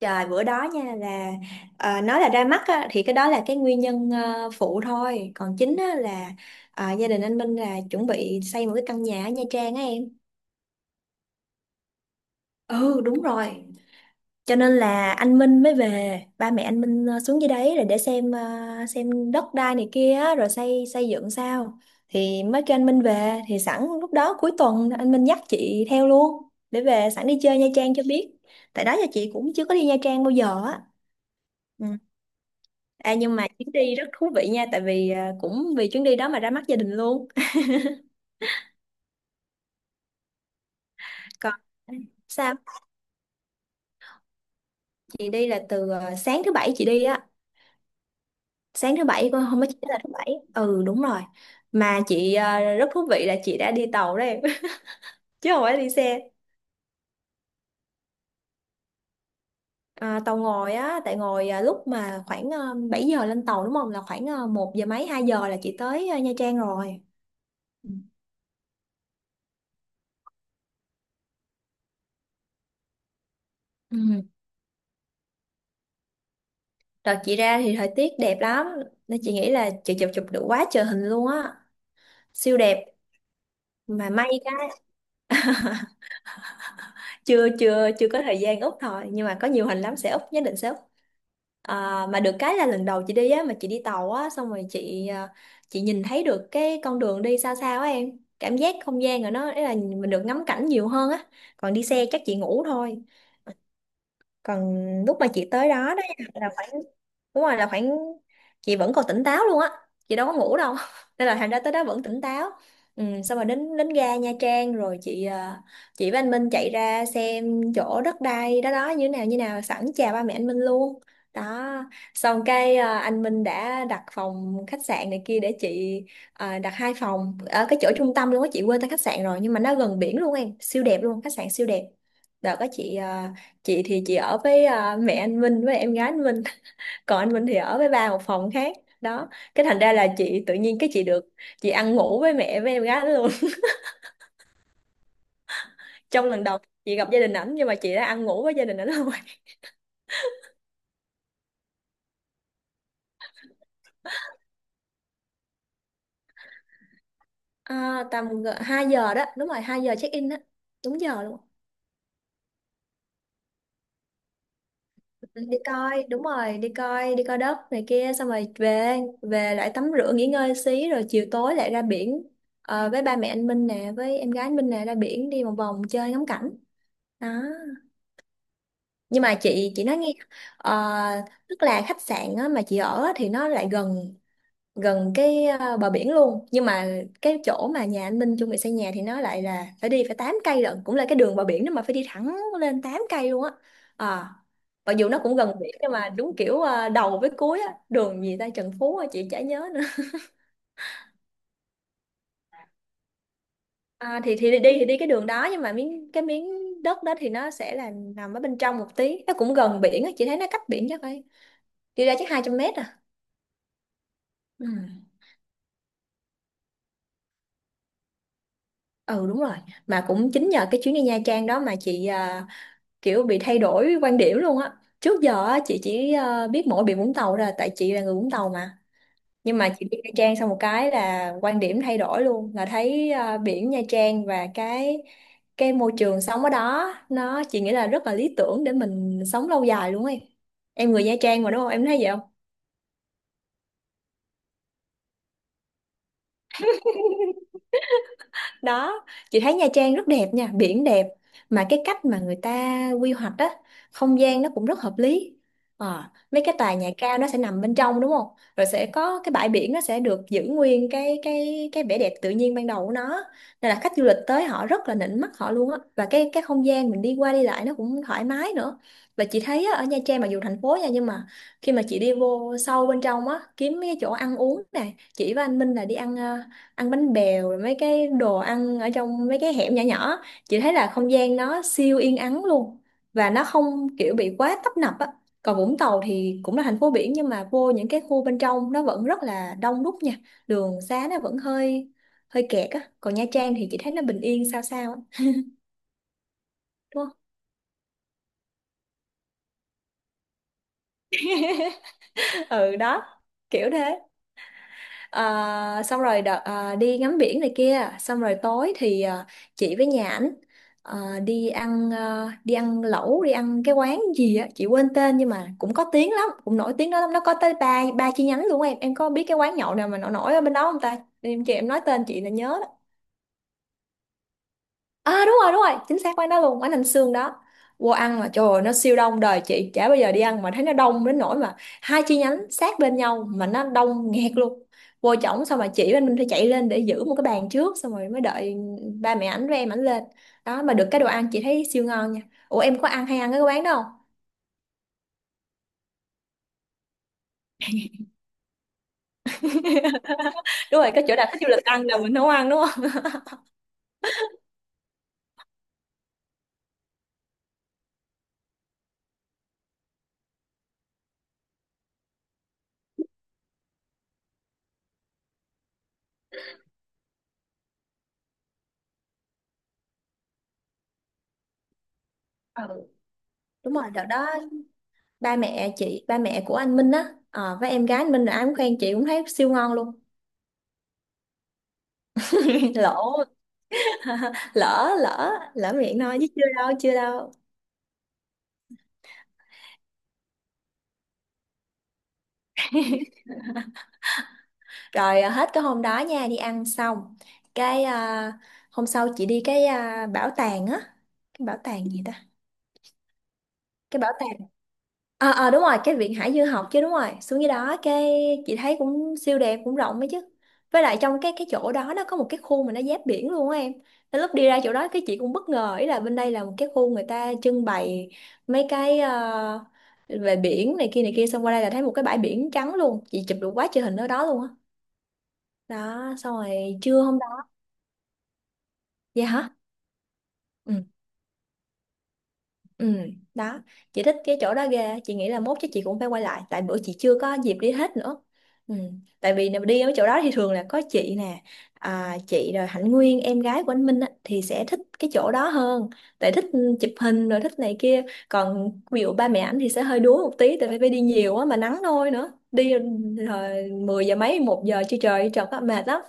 Trời bữa đó nha là nói là ra mắt á, thì cái đó là cái nguyên nhân phụ thôi, còn chính á, là gia đình anh Minh là chuẩn bị xây một cái căn nhà ở Nha Trang á em. Ừ, đúng rồi, cho nên là anh Minh mới về, ba mẹ anh Minh xuống dưới đấy rồi để xem xem đất đai này kia á, rồi xây xây dựng sao, thì mới kêu anh Minh về, thì sẵn lúc đó cuối tuần anh Minh dắt chị theo luôn để về sẵn đi chơi Nha Trang cho biết. Tại đó giờ chị cũng chưa có đi Nha Trang bao giờ á. Ừ. À, nhưng mà chuyến đi rất thú vị nha, tại vì cũng vì chuyến đi đó mà ra mắt gia đình luôn. Còn sao. Chị đi là từ sáng thứ bảy chị đi á, sáng thứ bảy, không có, chỉ là thứ bảy. Ừ, đúng rồi. Mà chị rất thú vị là chị đã đi tàu đấy, chứ không phải đi xe. À, tàu ngồi á, tại ngồi lúc mà khoảng 7 giờ lên tàu đúng không, là khoảng một giờ mấy, 2 giờ là chị tới Nha Trang rồi. Ừ. Đợt chị ra thì thời tiết đẹp lắm, nên chị nghĩ là chị chụp chụp được quá trời hình luôn á, siêu đẹp. Mà may cái, chưa chưa chưa có thời gian úp thôi, nhưng mà có nhiều hình lắm, sẽ úp, nhất định sẽ úp. À, mà được cái là lần đầu chị đi á, mà chị đi tàu á, xong rồi chị chị nhìn thấy được cái con đường đi xa xa á em, cảm giác không gian rồi nó ý là mình được ngắm cảnh nhiều hơn á, còn đi xe chắc chị ngủ thôi. Còn lúc mà chị tới đó đó nha, là phải, đúng rồi, là khoảng, chị vẫn còn tỉnh táo luôn á, chị đâu có ngủ đâu, nên là thành ra tới đó vẫn tỉnh táo. Ừ, xong rồi đến đến ga Nha Trang rồi chị chị với anh Minh chạy ra xem chỗ đất đai đó đó như thế nào sẵn chào ba mẹ anh Minh luôn. Đó. Xong cái anh Minh đã đặt phòng khách sạn này kia để chị đặt 2 phòng ở cái chỗ trung tâm luôn á, chị quên tên khách sạn rồi, nhưng mà nó gần biển luôn em, siêu đẹp luôn, khách sạn siêu đẹp. Đợt có chị chị thì chị ở với mẹ anh Minh với em gái anh Minh, còn anh Minh thì ở với ba một phòng khác. Đó. Cái thành ra là chị tự nhiên cái chị được, chị ăn ngủ với mẹ với em gái đó luôn. Trong lần đầu chị gặp gia đình ảnh nhưng mà chị đã ăn ngủ với gia đình ảnh luôn. Tầm 2 giờ đó, đúng rồi, 2 giờ check in đó, đúng giờ luôn. Đi coi, đúng rồi, đi coi, đất này kia xong rồi về, về lại tắm rửa nghỉ ngơi xí rồi chiều tối lại ra biển. Ờ, với ba mẹ anh Minh nè, với em gái anh Minh nè, ra biển đi một vòng chơi ngắm cảnh. Đó. Nhưng mà chị nói nghe, ờ, tức là khách sạn á, mà chị ở á, thì nó lại gần, gần cái bờ biển luôn, nhưng mà cái chỗ mà nhà anh Minh chuẩn bị xây nhà thì nó lại là phải đi, phải 8 cây lận, cũng là cái đường bờ biển đó mà phải đi thẳng lên 8 cây luôn á. à, Mặc dù nó cũng gần biển nhưng mà đúng kiểu đầu với cuối á, đường gì ta, Trần Phú á, chị chả nhớ nữa. À, thì đi cái đường đó nhưng mà miếng đất đó thì nó sẽ là nằm ở bên trong một tí, nó cũng gần biển á, chị thấy nó cách biển chắc phải, đi ra chắc 200 mét à. Ừ. Ừ, đúng rồi. Mà cũng chính nhờ cái chuyến đi Nha Trang đó mà chị kiểu bị thay đổi quan điểm luôn á. Trước giờ á, chị chỉ biết mỗi biển Vũng Tàu ra, tại chị là người Vũng Tàu mà. Nhưng mà chị đi Nha Trang xong một cái là quan điểm thay đổi luôn, là thấy biển Nha Trang và cái môi trường sống ở đó nó, chị nghĩ là rất là lý tưởng để mình sống lâu dài luôn ấy. Em người Nha Trang mà đúng không, em thấy vậy đó. Chị thấy Nha Trang rất đẹp nha, biển đẹp, mà cái cách mà người ta quy hoạch á, không gian nó cũng rất hợp lý. Ờ, mấy cái tòa nhà cao nó sẽ nằm bên trong đúng không, rồi sẽ có cái bãi biển, nó sẽ được giữ nguyên cái vẻ đẹp tự nhiên ban đầu của nó, nên là khách du lịch tới họ rất là nịnh mắt họ luôn á, và cái không gian mình đi qua đi lại nó cũng thoải mái nữa. Và chị thấy á, ở Nha Trang mặc dù thành phố nha, nhưng mà khi mà chị đi vô sâu bên trong á, kiếm mấy cái chỗ ăn uống nè, chị với anh Minh là đi ăn ăn bánh bèo rồi mấy cái đồ ăn ở trong mấy cái hẻm nhỏ nhỏ, chị thấy là không gian nó siêu yên ắng luôn, và nó không kiểu bị quá tấp nập á. Còn Vũng Tàu thì cũng là thành phố biển, nhưng mà vô những cái khu bên trong nó vẫn rất là đông đúc nha, đường xá nó vẫn hơi, hơi kẹt á, còn Nha Trang thì chị thấy nó bình yên sao sao á. Đúng không? Ừ, đó, kiểu thế. Ờ, xong rồi đợt, đi ngắm biển này kia xong rồi tối thì, chị với nhà ảnh, đi ăn, đi ăn lẩu, đi ăn cái quán gì á chị quên tên, nhưng mà cũng có tiếng lắm, cũng nổi tiếng đó lắm, nó có tới ba ba chi nhánh luôn. Em có biết cái quán nhậu nào mà nổi nổi ở bên đó không ta em, chị em nói tên chị là nhớ. À đúng rồi, đúng rồi, chính xác quán đó luôn, quán Anh Sương đó. Vô ăn mà trời ơi, nó siêu đông đời chị, chả bao giờ đi ăn mà thấy nó đông đến nỗi mà hai chi nhánh sát bên nhau mà nó đông nghẹt luôn. Vô trỏng xong mà chị bên mình phải chạy lên để giữ một cái bàn trước, xong rồi mới đợi ba mẹ ảnh với em ảnh lên. Đó, mà được cái đồ ăn chị thấy siêu ngon nha. Ủa em có ăn hay ăn cái quán đó không? Đúng rồi, cái chỗ nào khách du lịch ăn là mình nấu ăn đúng không? Ừ. Đúng rồi, đợt đó ba mẹ chị, ba mẹ của anh Minh á, với em gái anh Minh là ai cũng khen, chị cũng thấy siêu ngon luôn. Lỗ, lỡ lỡ lỡ miệng thôi chứ chưa đâu, chưa đâu. Rồi hết cái hôm đó nha, đi ăn xong cái hôm sau chị đi cái bảo tàng á, cái bảo tàng gì ta, cái bảo tàng, đúng rồi, cái viện Hải Dương học chứ, đúng rồi, xuống dưới đó cái chị thấy cũng siêu đẹp, cũng rộng ấy chứ. Với lại trong cái chỗ đó nó có một cái khu mà nó giáp biển luôn á em, nên lúc đi ra chỗ đó cái chị cũng bất ngờ, ý là bên đây là một cái khu người ta trưng bày mấy cái về biển này kia xong qua đây là thấy một cái bãi biển trắng luôn, chị chụp được quá trời hình ở đó luôn á. Đó. Đó, xong rồi trưa hôm đó, vậy hả. Ừ. Ừ, đó, chị thích cái chỗ đó ghê, chị nghĩ là mốt chắc chị cũng phải quay lại, tại bữa chị chưa có dịp đi hết nữa. Ừ, tại vì nếu đi ở chỗ đó thì thường là có chị nè, à, chị rồi Hạnh Nguyên, em gái của anh Minh á, thì sẽ thích cái chỗ đó hơn, tại thích chụp hình rồi thích này kia. Còn ví dụ ba mẹ ảnh thì sẽ hơi đuối một tí, tại vì phải đi nhiều á mà nắng nôi nữa, đi rồi 10 giờ mấy, 1 giờ chưa trời trời có mệt lắm,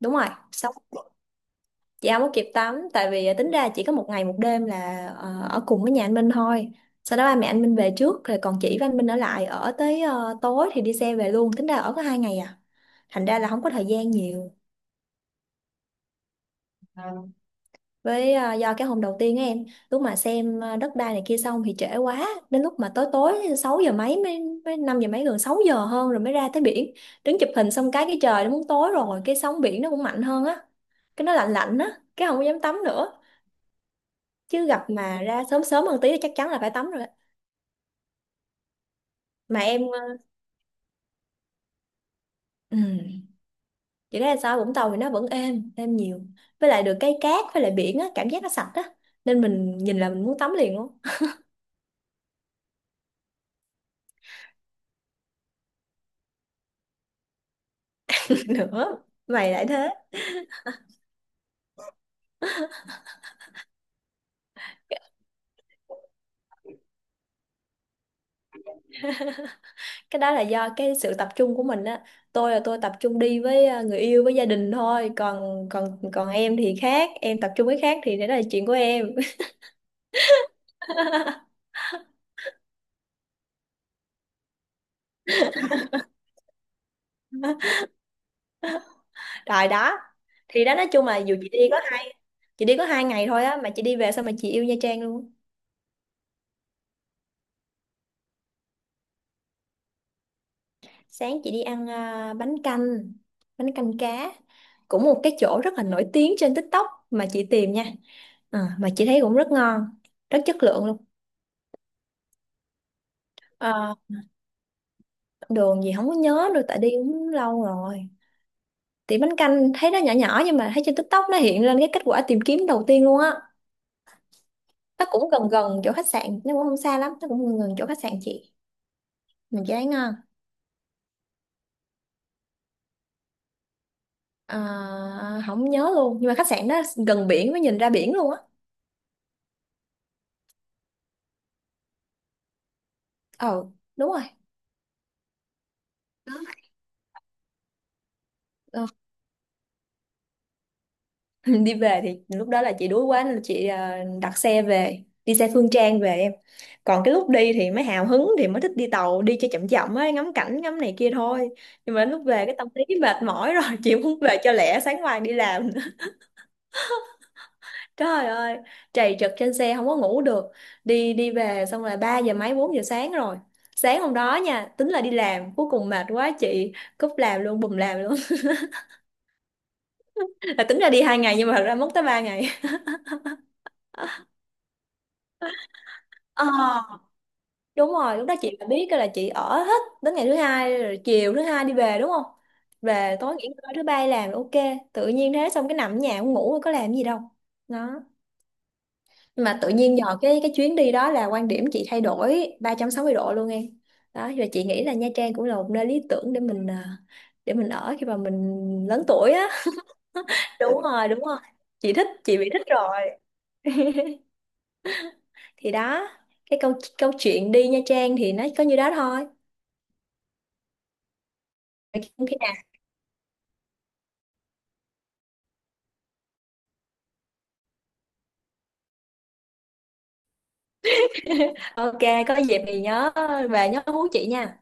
đúng rồi, xong chị không có kịp tắm tại vì à, tính ra chỉ có 1 ngày 1 đêm là ở cùng với nhà anh Minh thôi. Sau đó ba mẹ anh Minh về trước rồi còn chị và anh Minh ở lại ở tới tối thì đi xe về luôn, tính ra ở có 2 ngày à, thành ra là không có thời gian nhiều. Với à, do cái hôm đầu tiên á em, lúc mà xem à, đất đai này kia xong thì trễ quá, đến lúc mà tối tối 6 giờ mấy mới, 5 giờ mấy gần 6 giờ hơn rồi mới ra tới biển. Đứng chụp hình xong cái trời nó muốn tối rồi, cái sóng biển nó cũng mạnh hơn á, cái nó lạnh lạnh á, cái không có dám tắm nữa. Chứ gặp mà ra sớm sớm hơn tí thì chắc chắn là phải tắm rồi á. Mà em ừm, chị thấy là sao Vũng Tàu thì nó vẫn êm êm nhiều, với lại được cái cát với lại biển á cảm giác nó sạch á, nên mình nhìn là mình muốn tắm liền luôn. Nữa mày lại thế. Cái đó là do cái sự tập trung của mình á. Tôi là tôi tập trung đi với người yêu với gia đình thôi, còn còn còn em thì khác, em tập trung với khác thì đó là chuyện của em. Rồi đó, thì đó, nói chung là dù chị đi có hai ngày thôi á mà chị đi về sao mà chị yêu Nha Trang luôn. Sáng chị đi ăn à, bánh canh, bánh canh cá, cũng một cái chỗ rất là nổi tiếng trên TikTok mà chị tìm nha. Ờ, mà chị thấy cũng rất ngon, rất chất lượng luôn. Ờ, đường gì không có nhớ nữa tại đi cũng lâu rồi. Thì bánh canh thấy nó nhỏ nhỏ nhưng mà thấy trên TikTok nó hiện lên cái kết quả tìm kiếm đầu tiên luôn á. Nó cũng gần gần chỗ khách sạn, nó cũng không xa lắm, nó cũng gần gần chỗ khách sạn chị. Mình chị thấy ngon. Ờ, không nhớ luôn nhưng mà khách sạn đó gần biển, mới nhìn ra biển luôn á. Ờ đúng rồi. Đó. Đi về thì lúc đó là chị đuối quá nên là chị à, đặt xe về, đi xe Phương Trang về em. Còn cái lúc đi thì mới hào hứng thì mới thích đi tàu, đi cho chậm chậm ấy, ngắm cảnh ngắm này kia thôi. Nhưng mà đến lúc về cái tâm lý mệt mỏi rồi, chị muốn về cho lẹ, sáng mai đi làm nữa. Trời ơi, trầy trật trên xe không có ngủ được. Đi đi về xong là 3 giờ mấy 4 giờ sáng rồi. Sáng hôm đó nha tính là đi làm, cuối cùng mệt quá chị cúp làm luôn, bùm làm luôn. Là tính ra đi 2 ngày nhưng mà thật ra mất tới 3 ngày. Ờ đúng rồi, lúc đó chị đã biết là chị ở hết đến ngày thứ hai rồi, chiều thứ hai đi về đúng không, về tối nghỉ ngơi, thứ ba làm ok. Tự nhiên thế, xong cái nằm ở nhà cũng ngủ có làm gì đâu. Đó, mà tự nhiên nhờ cái chuyến đi đó là quan điểm chị thay đổi 360 độ luôn em. Đó và chị nghĩ là Nha Trang cũng là một nơi lý tưởng để mình à, để mình ở khi mà mình lớn tuổi á. Đúng rồi đúng rồi, chị thích, chị bị thích rồi. Thì đó, cái câu câu chuyện đi Nha Trang thì nó có như đó thôi. Khi nào ok, có dịp thì nhớ về nhớ hú chị nha.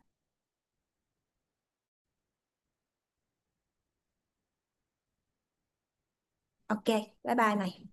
Ok, bye bye này.